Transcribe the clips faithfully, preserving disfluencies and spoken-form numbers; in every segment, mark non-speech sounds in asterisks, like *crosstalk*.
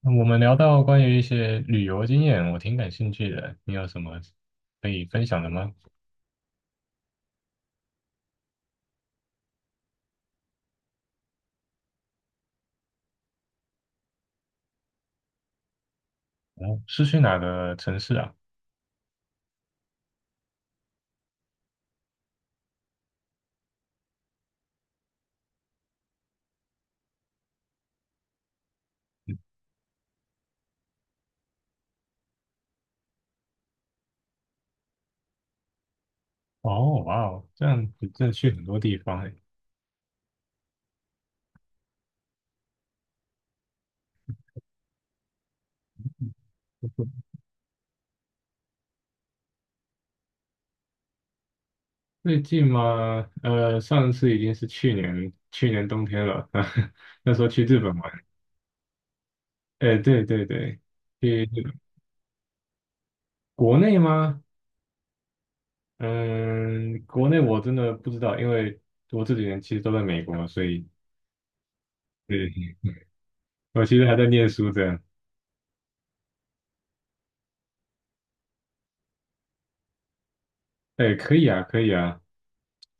那我们聊到关于一些旅游经验，我挺感兴趣的。你有什么可以分享的吗？哦，是去哪个城市啊？哦，哇哦，这样子真的去很多地方诶。最近嘛，呃，上次已经是去年去年冬天了，*laughs* 那时候去日本玩。哎，对对对，去日本。国内吗？嗯，国内我真的不知道，因为我这几年其实都在美国，所以对，我其实还在念书这样。哎，可以啊，可以啊。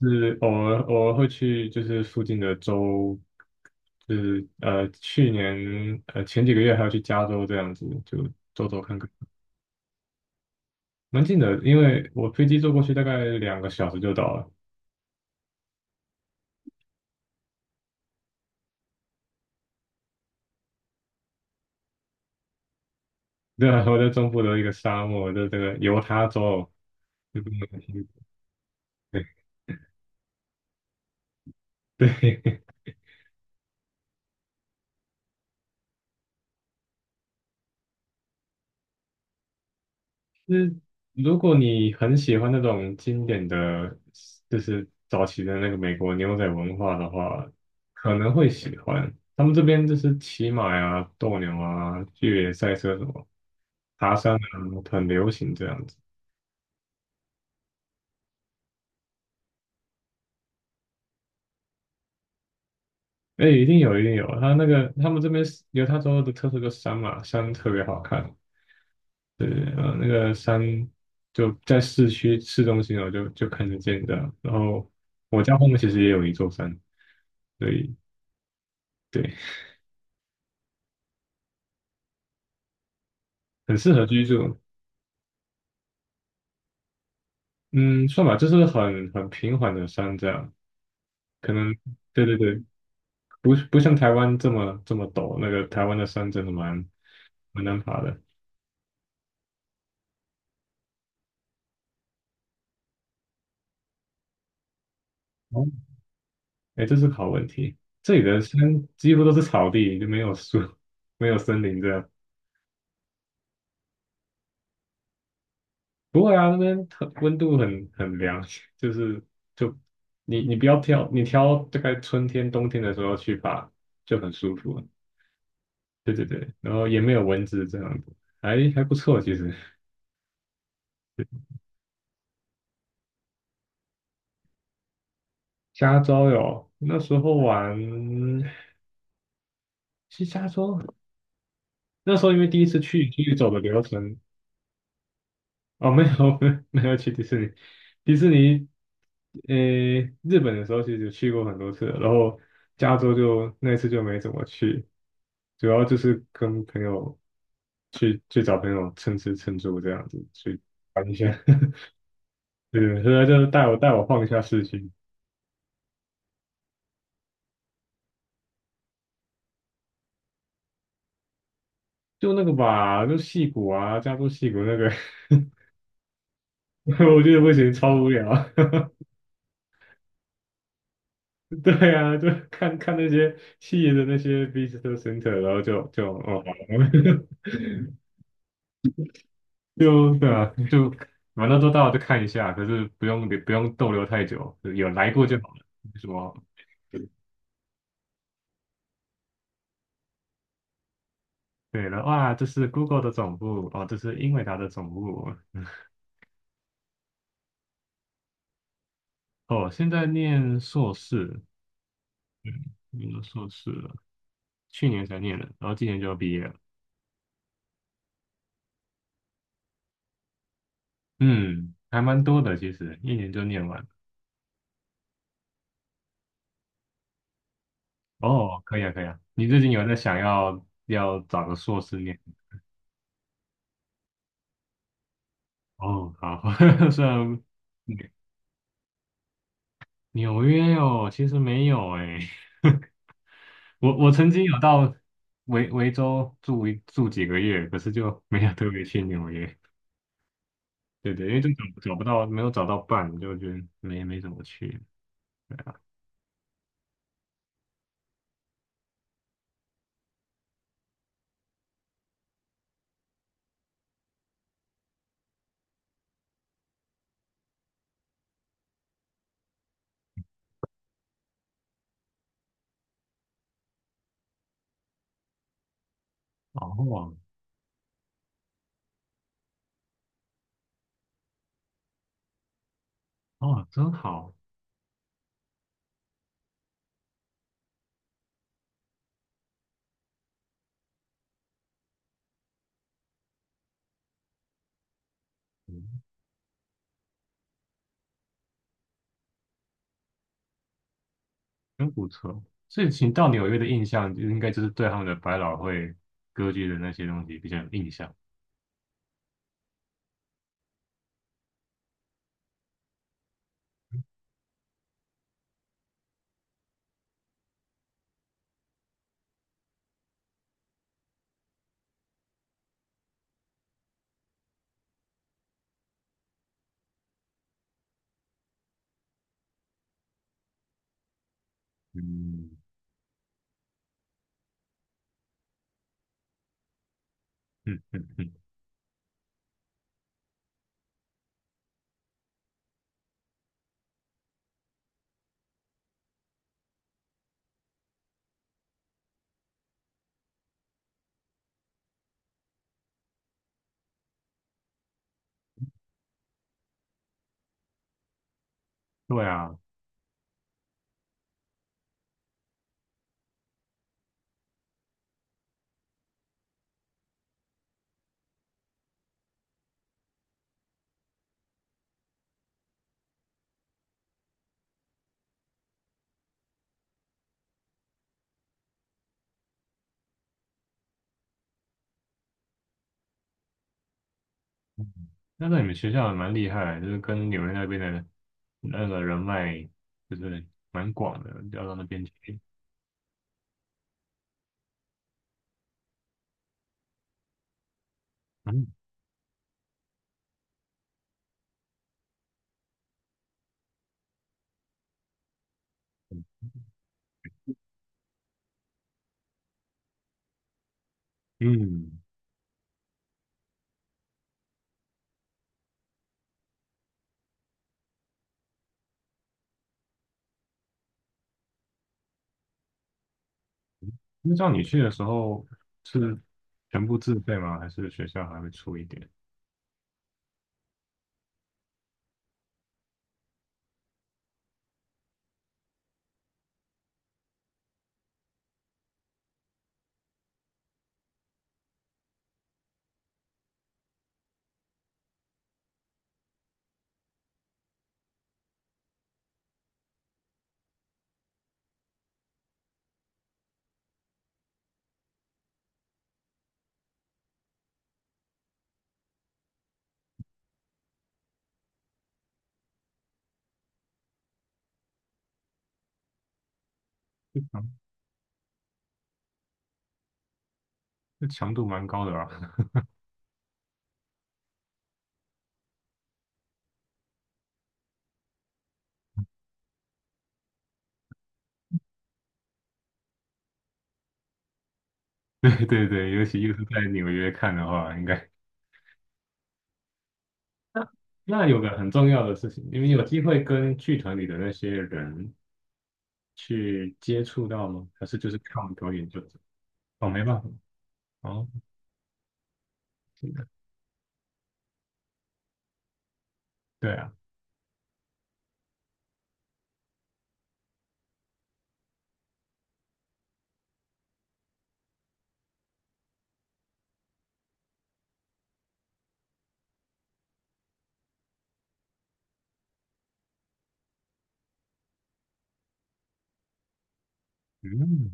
是偶尔偶尔会去，就是附近的州，就是呃去年呃前几个月还要去加州这样子，就走走看看。蛮近的，因为我飞机坐过去大概两个小时就到了。*laughs* 对啊，我在中部的一个沙漠，在这个犹他州，就这么近。 *laughs* 对对，如果你很喜欢那种经典的，就是早期的那个美国牛仔文化的话，可能会喜欢。他们这边就是骑马呀、斗牛啊、越野赛车什么、爬山啊，很流行这样子。哎，一定有，一定有。他那个他们这边有，犹他州的特色就是山嘛，山特别好看。对，呃，那个山就在市区市中心哦，就就看得见的。然后我家后面其实也有一座山，所以对。很适合居住。嗯，算吧，就是很很平缓的山这样，可能对对对，不不像台湾这么这么陡，那个台湾的山真的蛮蛮难爬的。哦，哎，这是个好问题，这里的山几乎都是草地，就没有树，没有森林这样。不会啊，那边很温度很很凉，*laughs* 就是就你你不要挑，你挑大概春天冬天的时候去爬就很舒服了。对对对，然后也没有蚊子这样子，还还不错其实。加州有，那时候玩去加州，那时候因为第一次去，去走的流程。哦，没有。 *laughs* 没有没有去迪士尼，迪士尼，呃，日本的时候其实去过很多次了，然后加州就那次就没怎么去，主要就是跟朋友去去找朋友蹭吃蹭住这样子去。对，所以他就带我带我晃一下市区，就那个吧，就戏谷啊，加州戏谷那个。*laughs* 我觉得不行，超无聊。*laughs* 对啊，就看看那些细的那些 visitor center,然后就就哦，好。 *laughs* 就对啊，就反正都到了就看一下，可是不用不用逗留太久，有来过就好了。什么对了，哇，这是 Google 的总部，哦，这是英伟达的总部。哦，现在念硕士，念了硕士了，去年才念的，然后今年就要毕业了。嗯，还蛮多的，其实一年就念完。哦，可以啊，可以啊。你最近有在想要要找个硕士念？哦，好，*laughs* 虽然纽约哦，其实没有诶，我我曾经有到维维州住一住几个月，可是就没有特别去纽约。对对，因为就找找不到，没有找到伴，就觉得没没怎么去。对啊，哦哦，真好，嗯，真不错。所以请到纽约的印象，就应该就是对他们的百老汇歌剧的那些东西比较有印象。嗯嗯嗯嗯，对啊。嗯那在你们学校也蛮厉害，就是跟纽约那边的那个人脉，就是蛮广的，调到那边去。嗯嗯，那像你去的时候是全部自费吗？还是学校还会出一点？这强这强度蛮高的啊。*laughs* 对对对，尤其又是在纽约看的话，应该。*laughs* 那那有个很重要的事情，你们有机会跟剧团里的那些人去接触到吗？还是就是看我们表演就走？哦，没办法。哦，这个对啊。嗯，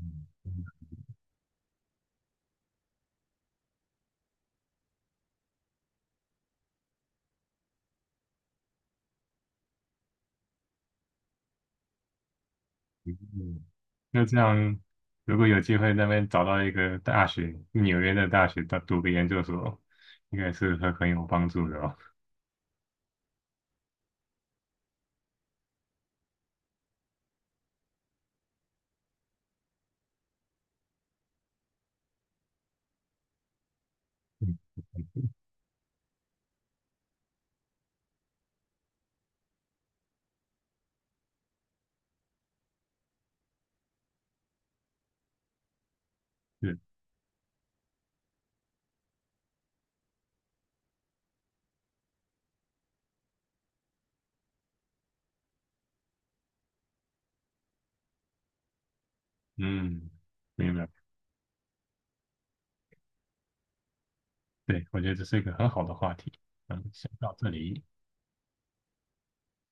嗯那这样，如果有机会在那边找到一个大学，纽约的大学，读读个研究所，应该是会很有帮助的哦。嗯，是，嗯，明白。对，我觉得这是一个很好的话题。嗯，先到这里。